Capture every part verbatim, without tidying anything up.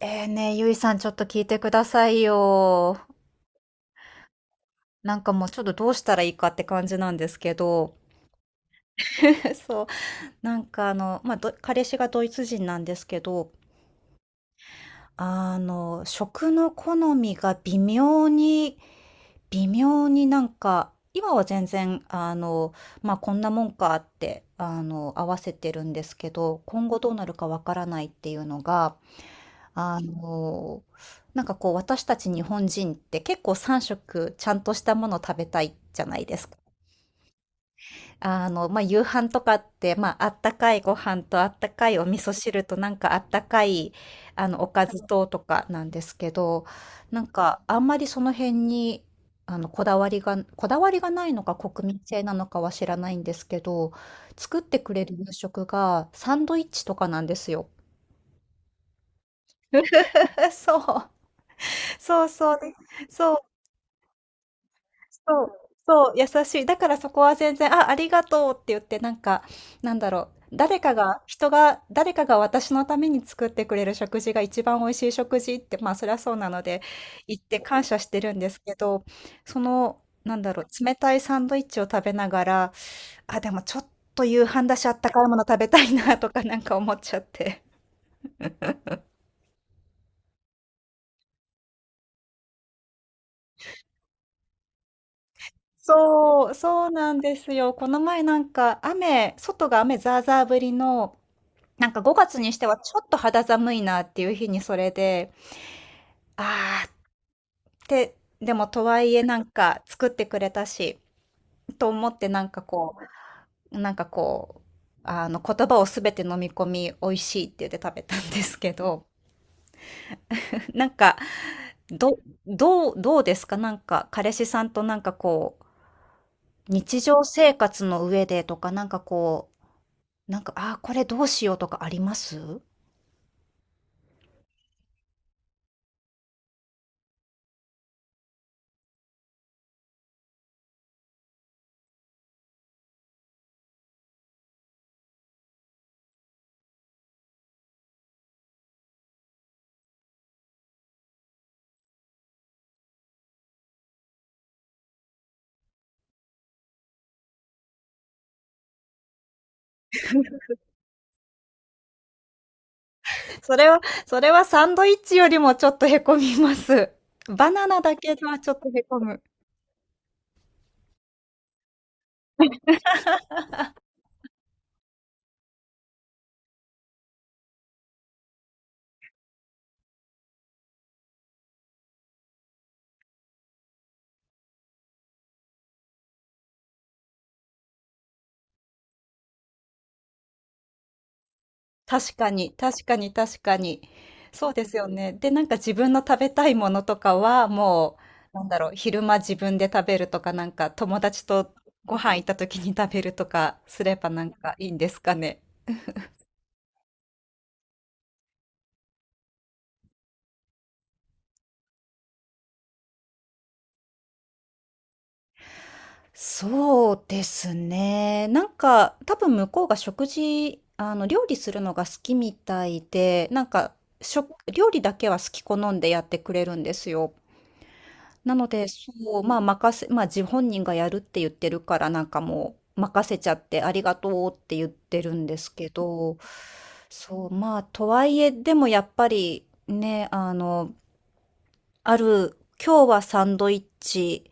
えーね、ゆいさんちょっと聞いてくださいよ。なんかもうちょっとどうしたらいいかって感じなんですけど。そう。なんかあの、まあ、ど彼氏がドイツ人なんですけど、あの、食の好みが微妙に、微妙になんか、今は全然、あの、まあ、こんなもんかって、あの、合わせてるんですけど、今後どうなるかわからないっていうのが、あの、なんかこう私たち日本人って結構さんしょく食ちゃんとしたもの食べたいじゃないですか。あの、まあ、夕飯とかって、まあ、あったかいご飯とあったかいお味噌汁となんかあったかい、あの、おかずととかなんですけど、なんかあんまりその辺に、あの、こだわりが、こだわりがないのか国民性なのかは知らないんですけど、作ってくれる夕食がサンドイッチとかなんですよ。そう、そうそう。でそうそう、そう、優しい。だからそこは全然、あ、ありがとうって言って、なんか、なんだろう、誰かが、人が、誰かが私のために作ってくれる食事が一番美味しい食事って、まあそりゃそうなので、言って感謝してるんですけど、その、なんだろう、冷たいサンドイッチを食べながら、あ、でもちょっと夕飯だし、あったかいもの食べたいなとか なんか思っちゃって。そう、そうなんですよ。この前なんか雨、外が雨ザーザー降りのなんかごがつにしてはちょっと肌寒いなっていう日にそれで、あーって、でもとはいえなんか作ってくれたし、と思ってなんかこう、なんかこう、あの言葉をすべて飲み込み美味しいって言って食べたんですけど、なんか、ど、どう、どうですか、なんか彼氏さんとなんかこう、日常生活の上でとかなんかこう、なんか、あーこれどうしようとかあります？それはそれはサンドイッチよりもちょっとへこみます。バナナだけではちょっとへこむ。確かに、確かに確かに。そうですよね。で、なんか自分の食べたいものとかは、もう、なんだろう、昼間自分で食べるとか、なんか友達とご飯行った時に食べるとかすればなんかいいんですかね。そうですね。なんか、多分向こうが食事、あの、料理するのが好きみたいで、なんか、食料理だけは好き好んでやってくれるんですよ。なので、そう、まあ、任せ、まあ、自本人がやるって言ってるから、なんかもう、任せちゃって、ありがとうって言ってるんですけど、そう、まあ、とはいえ、でもやっぱり、ね、あの、ある、今日はサンドイッチ、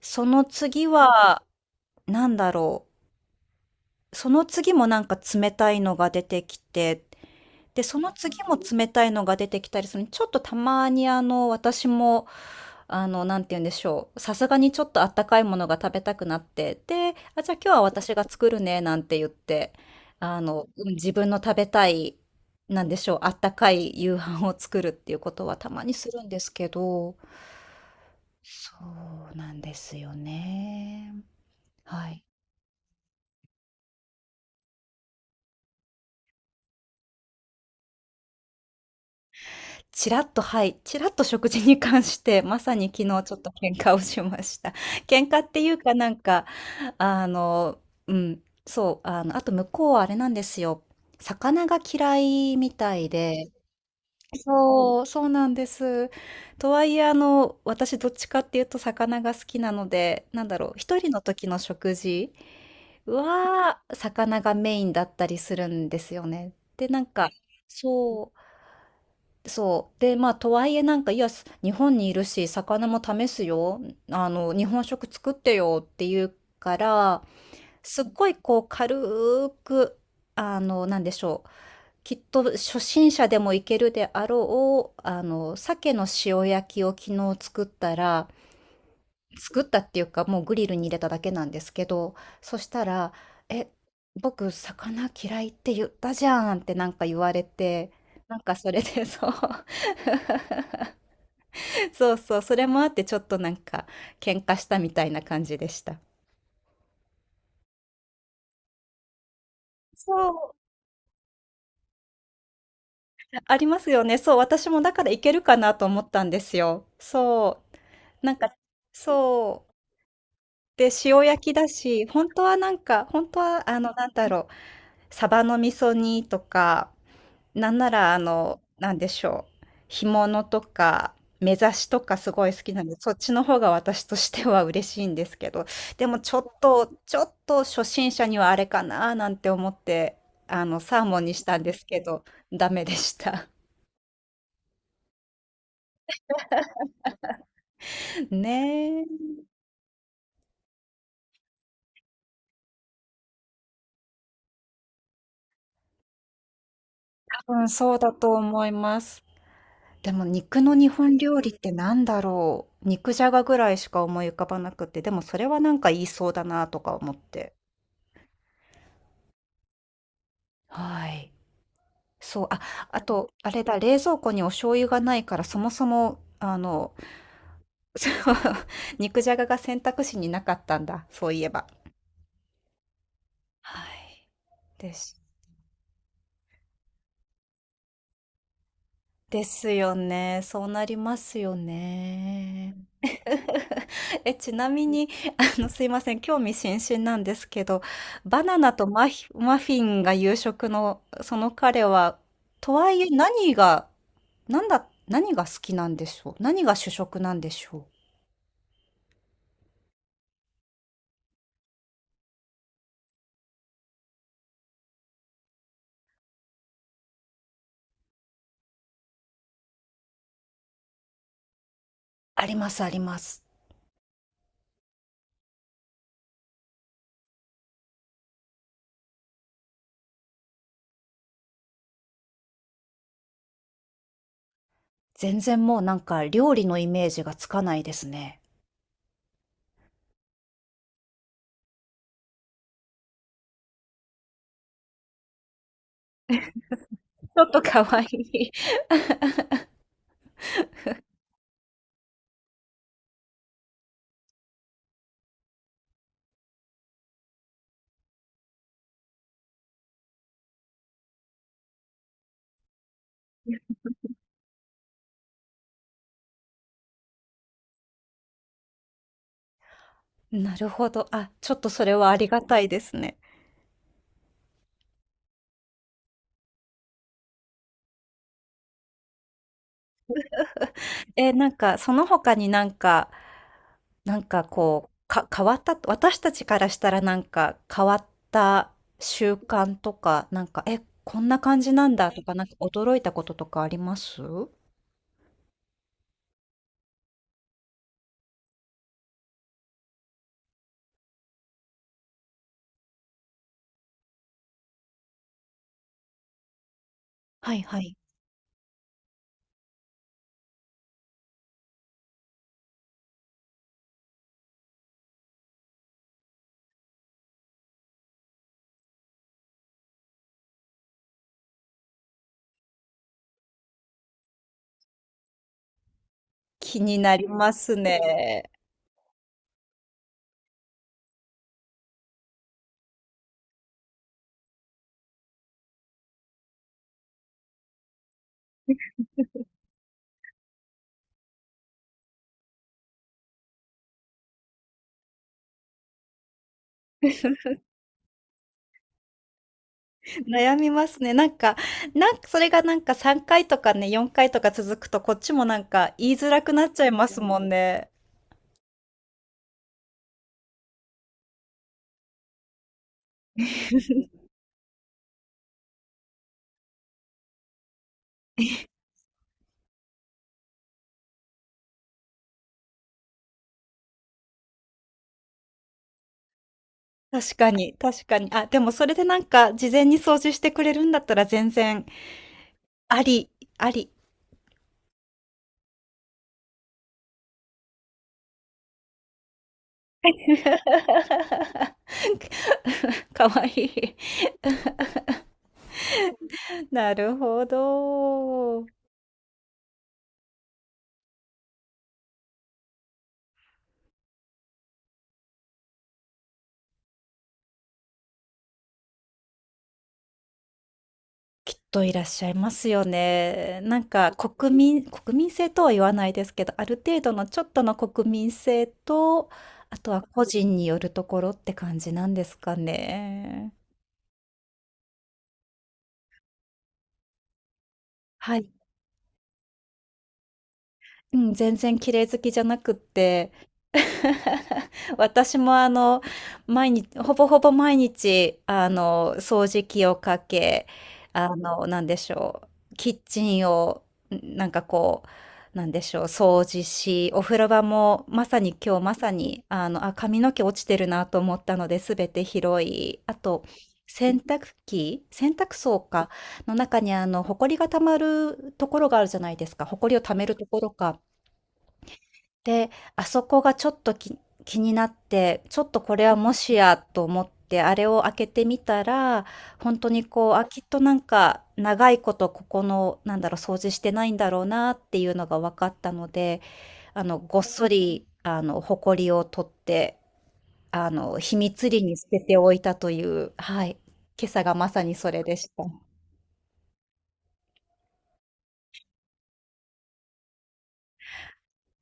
その次は、なんだろう、その次もなんか冷たいのが出てきて、で、その次も冷たいのが出てきたりする。ちょっとたまにあの、私も、あの、なんて言うんでしょう。さすがにちょっとあったかいものが食べたくなって、で、あ、じゃあ今日は私が作るね、なんて言って、あの、うん、自分の食べたい、なんでしょう、あったかい夕飯を作るっていうことはたまにするんですけど、そうなんですよね。はい。ちらっと、はい、ちらっと食事に関して、まさに昨日ちょっと喧嘩をしました。喧嘩っていうか、なんか、あの、うん、そう、あの、あと向こうはあれなんですよ。魚が嫌いみたいで、そう、そうなんです。とはいえ、あの、私どっちかっていうと魚が好きなので、なんだろう、一人の時の食事は魚がメインだったりするんですよね。で、なんか、そう、そう。で、まあ、とはいえなんか、いや、す日本にいるし、魚も試すよ。あの、日本食作ってよって言うから、すっごいこう、軽く、あの、なんでしょう。きっと初心者でもいけるであろう、あの、鮭の塩焼きを昨日作ったら、作ったっていうか、もうグリルに入れただけなんですけど、そしたら、え、僕、魚嫌いって言ったじゃんってなんか言われて、なんかそれでそう。そうそう、それもあってちょっとなんか喧嘩したみたいな感じでした。そう、ありますよね。そう、私もだからいけるかなと思ったんですよ。そう、なんか、そう。で、塩焼きだし、本当はなんか、本当はあの、なんだろう、サバの味噌煮とか、なんならあの、なんでしょう、干物とか、目刺しとかすごい好きなんで、そっちの方が私としては嬉しいんですけど、でもちょっと、ちょっと初心者にはあれかななんて思って、あの、サーモンにしたんですけど、ダメでした。ねえ、多分そうだと思います。でも肉の日本料理ってなんだろう。肉じゃがぐらいしか思い浮かばなくて、でもそれはなんか言いそうだなとか思って。はい。そう、あ、あと、あれだ、冷蔵庫にお醤油がないから、そもそも、あの、そう 肉じゃがが選択肢になかったんだ、そういえば。はい。です。ですよね。そうなりますよね。え、ちなみに、あの、すいません、興味津々なんですけど、バナナとマヒ、マフィンが夕食の、その彼は、とはいえ何が、なんだ、何が好きなんでしょう？何が主食なんでしょう？あります、あります。全然もうなんか料理のイメージがつかないですね。ちょっと可愛い。なるほど。あ、ちょっとそれはありがたいですね。え、なんか、その他になんか、なんかこう、か、変わった私たちからしたらなんか変わった習慣とか、なんか、え、こんな感じなんだとか、なんか驚いたこととかあります？はいはい。気になりますね。悩みますね。なんか、なんかそれがなんかさんかいとかね、よんかいとか続くと、こっちもなんか言いづらくなっちゃいますもんね。確かに、確かに。あ、でもそれでなんか事前に掃除してくれるんだったら全然あり、あり。かわいい。なるほど。きっといらっしゃいますよね。なんか国民、国民性とは言わないですけど、ある程度のちょっとの国民性と、あとは個人によるところって感じなんですかね。はい、うん、全然綺麗好きじゃなくって、私もあの、毎日、ほぼほぼ毎日、あの、掃除機をかけ、あの、なんでしょう、キッチンを、なんかこう、なんでしょう、掃除し、お風呂場も、まさに今日まさに、あの、あ、髪の毛落ちてるなと思ったので、すべて拾い、あと、洗濯機、洗濯槽か、の中にあの、埃が溜まるところがあるじゃないですか、埃を溜めるところか。で、あそこがちょっとき気になって、ちょっとこれはもしやと思って、あれを開けてみたら、本当にこう、あ、きっとなんか、長いことここの、なんだろう、掃除してないんだろうなっていうのが分かったので、あの、ごっそり、あの、埃を取って、あの、秘密裏に捨てておいたという、はい、今朝がまさにそれでした。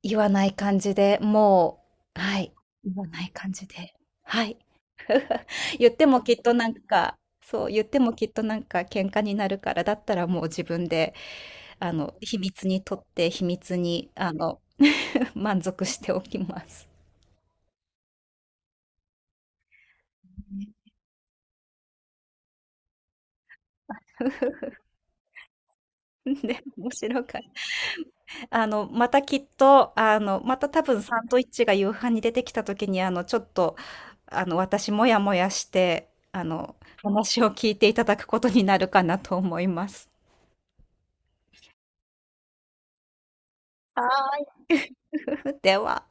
言わない感じで、もう、はい、言わない感じで、はい。言ってもきっとなんか、そう、言ってもきっとなんか喧嘩になるから、だったらもう自分で、あの、秘密にとって、秘密に、あの、満足しておきます。で、面白かった。あの、またきっと、あの、また多分サンドイッチが夕飯に出てきた時に、あの、ちょっと、あの、私もやもやして、あの、話を聞いていただくことになるかなと思います。はーい。では。